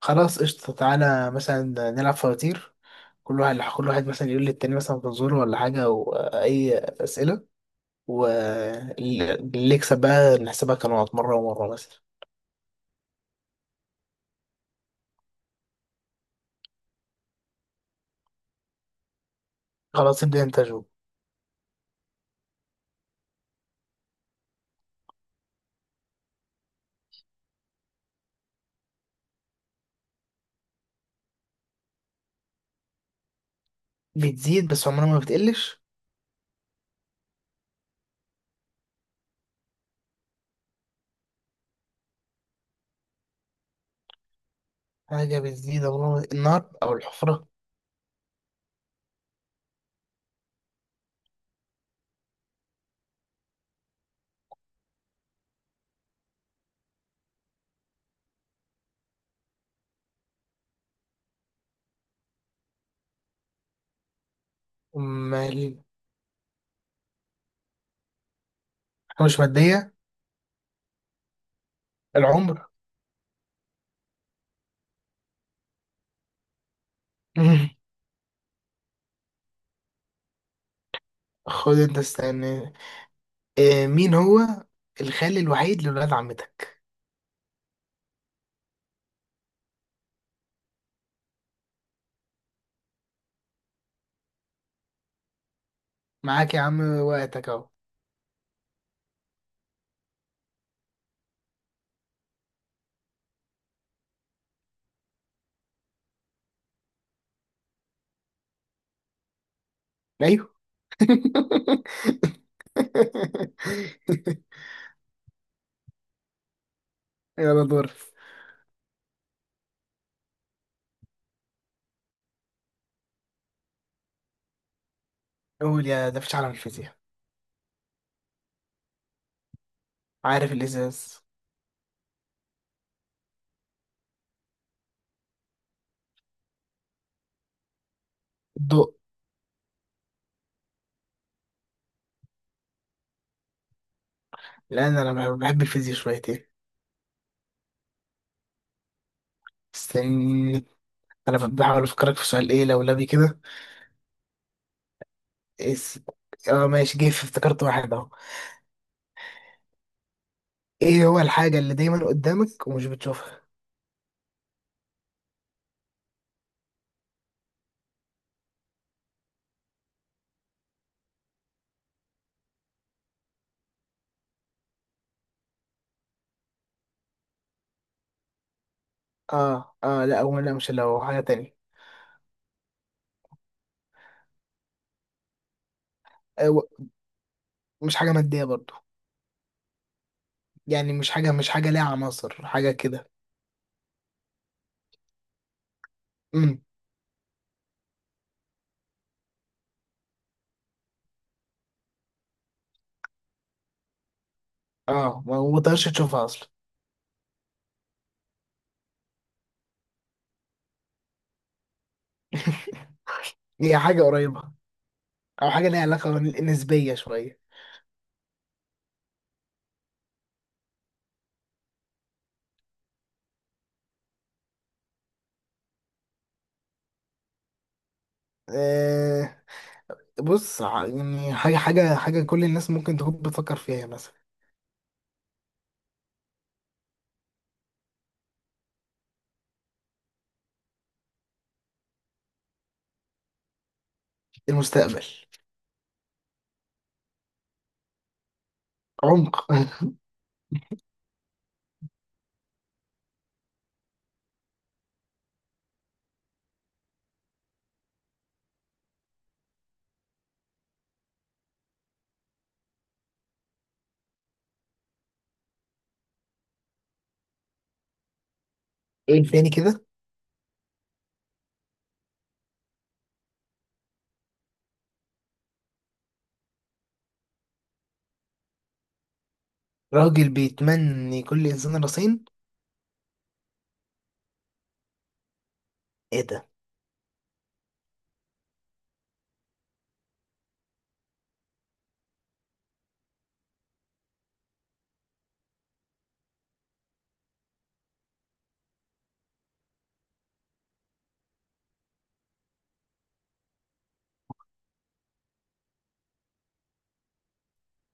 خلاص قشطة، تعالى مثلا نلعب فواتير. كل واحد مثلا يقول للتاني مثلا فزورة ولا حاجة وأي أسئلة، واللي يكسب بقى نحسبها كنقط مرة ومرة مثلا. خلاص ابدأ أنت جو. بتزيد بس عمرها ما بتقلش. حاجة بتزيد عمرها ما... النار أو الحفرة. أمال حاجة مش مادية؟ العمر. خد أنت استنى. مين هو الخال الوحيد لولاد عمتك؟ معاك يا عم، وقتك أهو. أيوه. يلا دور. قول يا ده، مفيش عالم الفيزياء. عارف الازاز. الضوء. لان انا بحب الفيزياء شويتين. استني، انا بحاول افكرك في سؤال ايه لولبي كده. اس، اه ماشي، افتكرت واحد اهو. ايه هو الحاجة اللي دايما قدامك ومش بتشوفها؟ اه لا هو، لا، مش لو حاجة تانية. أيوة. مش حاجة مادية برضو. يعني مش حاجة ليها عناصر، حاجة كده. امم اه، ما تقدرش تشوفها اصلا. هي حاجة قريبة او حاجه ليها علاقه نسبيه شويه. أه بص، يعني حاجه كل الناس ممكن تكون بتفكر فيها مثلا. المستقبل. عمق. ايه تاني كده؟ راجل بيتمني كل انسان راسين؟ ايه ده!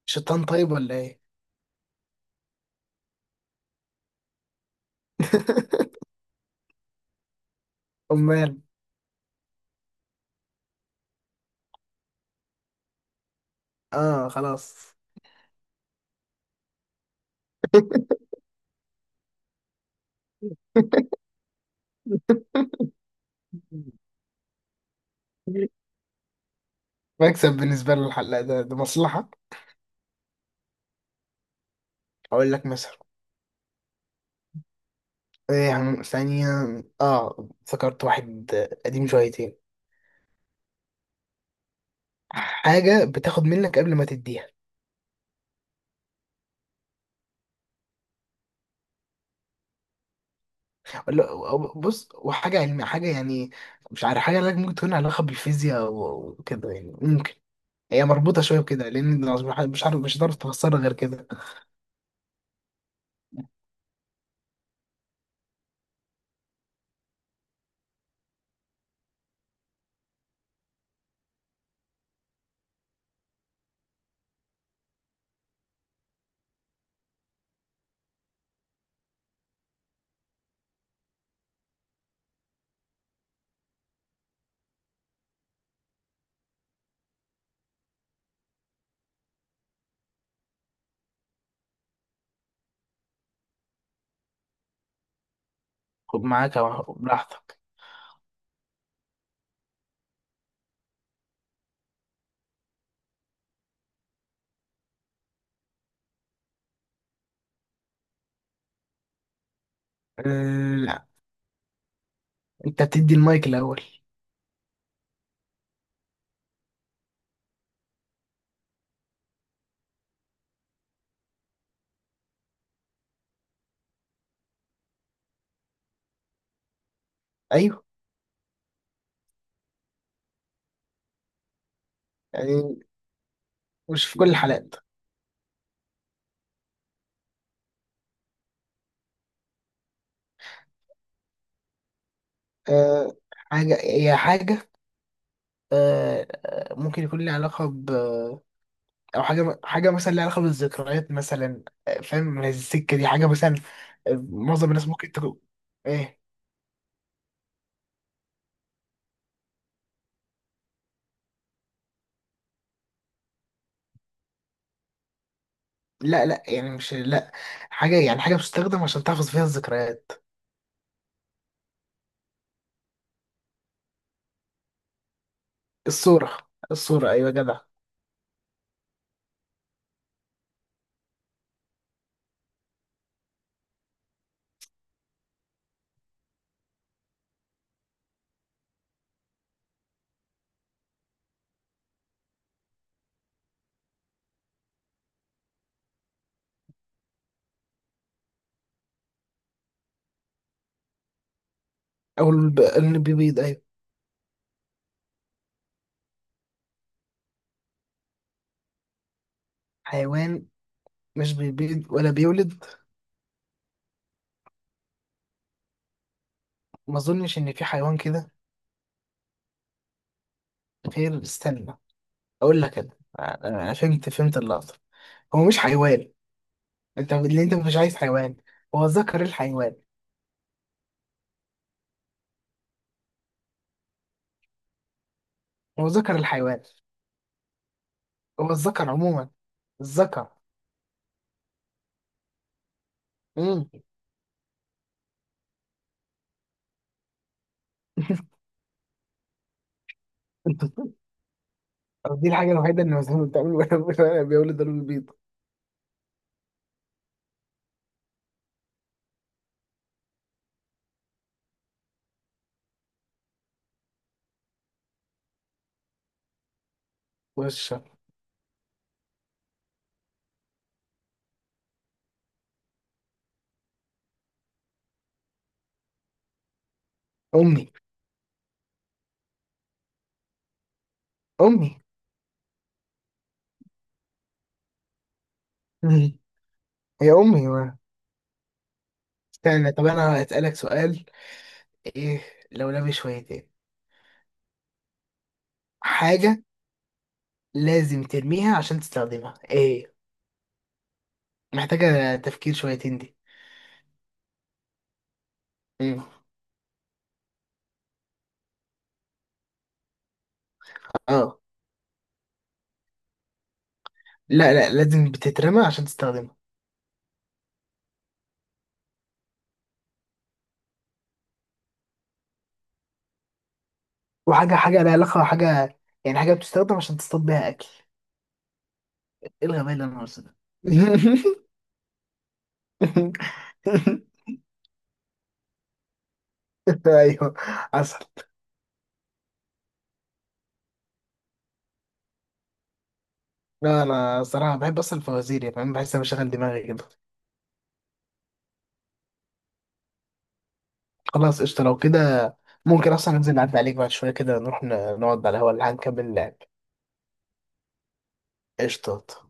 شيطان طيب ولا ايه؟ امال؟ اه خلاص. مكسب بالنسبه له الحلقه، ده مصلحه. اقول لك مثلا إيه، ثانيه. اه افتكرت واحد قديم شويتين. حاجه بتاخد منك قبل ما تديها. لا بص، وحاجة علمية حاجة يعني، مش عارف، حاجة لك ممكن تكون علاقة بالفيزياء وكده، يعني ممكن. هي مربوطة شوية بكده لأن، مش عارف، مش هتعرف تفسرها غير كده. خد معاك أو براحتك. أه لا، أنت بتدي المايك الأول. أيوه. يعني مش في كل الحالات. أه حاجة، هي حاجة. أه آه، ممكن يكون لها علاقة ب، أو حاجة، حاجة مثلا لها علاقة بالذكريات مثلا، فاهم، من السكة دي حاجة مثلا. معظم الناس ممكن تكون إيه. لا لا، يعني مش، لا. حاجة يعني حاجة بتستخدم عشان تحفظ فيها الذكريات. الصورة! الصورة أيوة يا جدع! اللي بيبيض أيوة. حيوان مش بيبيض ولا بيولد. ما أظنش إن في حيوان كده، غير استنى، أقول لك أنا. أنا فهمت اللقطة. هو مش حيوان. أنت اللي أنت مش عايز حيوان، هو ذكر الحيوان. هو ذكر الحيوان. هو الذكر عموما، الذكر. امم دي الحاجة الوحيدة اللي ما بتعمل، ولا بيولد ولا بيبيض. وش؟ أمي. أمي. مم. هي أمي ما. استنى، طب أنا هسألك سؤال إيه لولبي شويتين. حاجة لازم ترميها عشان تستخدمها، إيه؟ محتاجة تفكير شويتين دي. مم. آه. لا لا، لازم بتترمى عشان تستخدمها. وحاجة، حاجة لها علاقة، حاجة يعني، حاجة بتستخدم عشان تصطاد بيها أكل. إيه الغباء اللي أنا قلته ده؟ أيوه، حصل. لا أنا صراحة بحب أصلا الفوازير، يعني فاهم، بحس أنا بشغل دماغي كده. خلاص قشطة لو كده. ممكن أصلا ننزل نعدي عليك بعد شوية كده، نروح نقعد على الهوا اللي هنكمل اللعب. قشطة.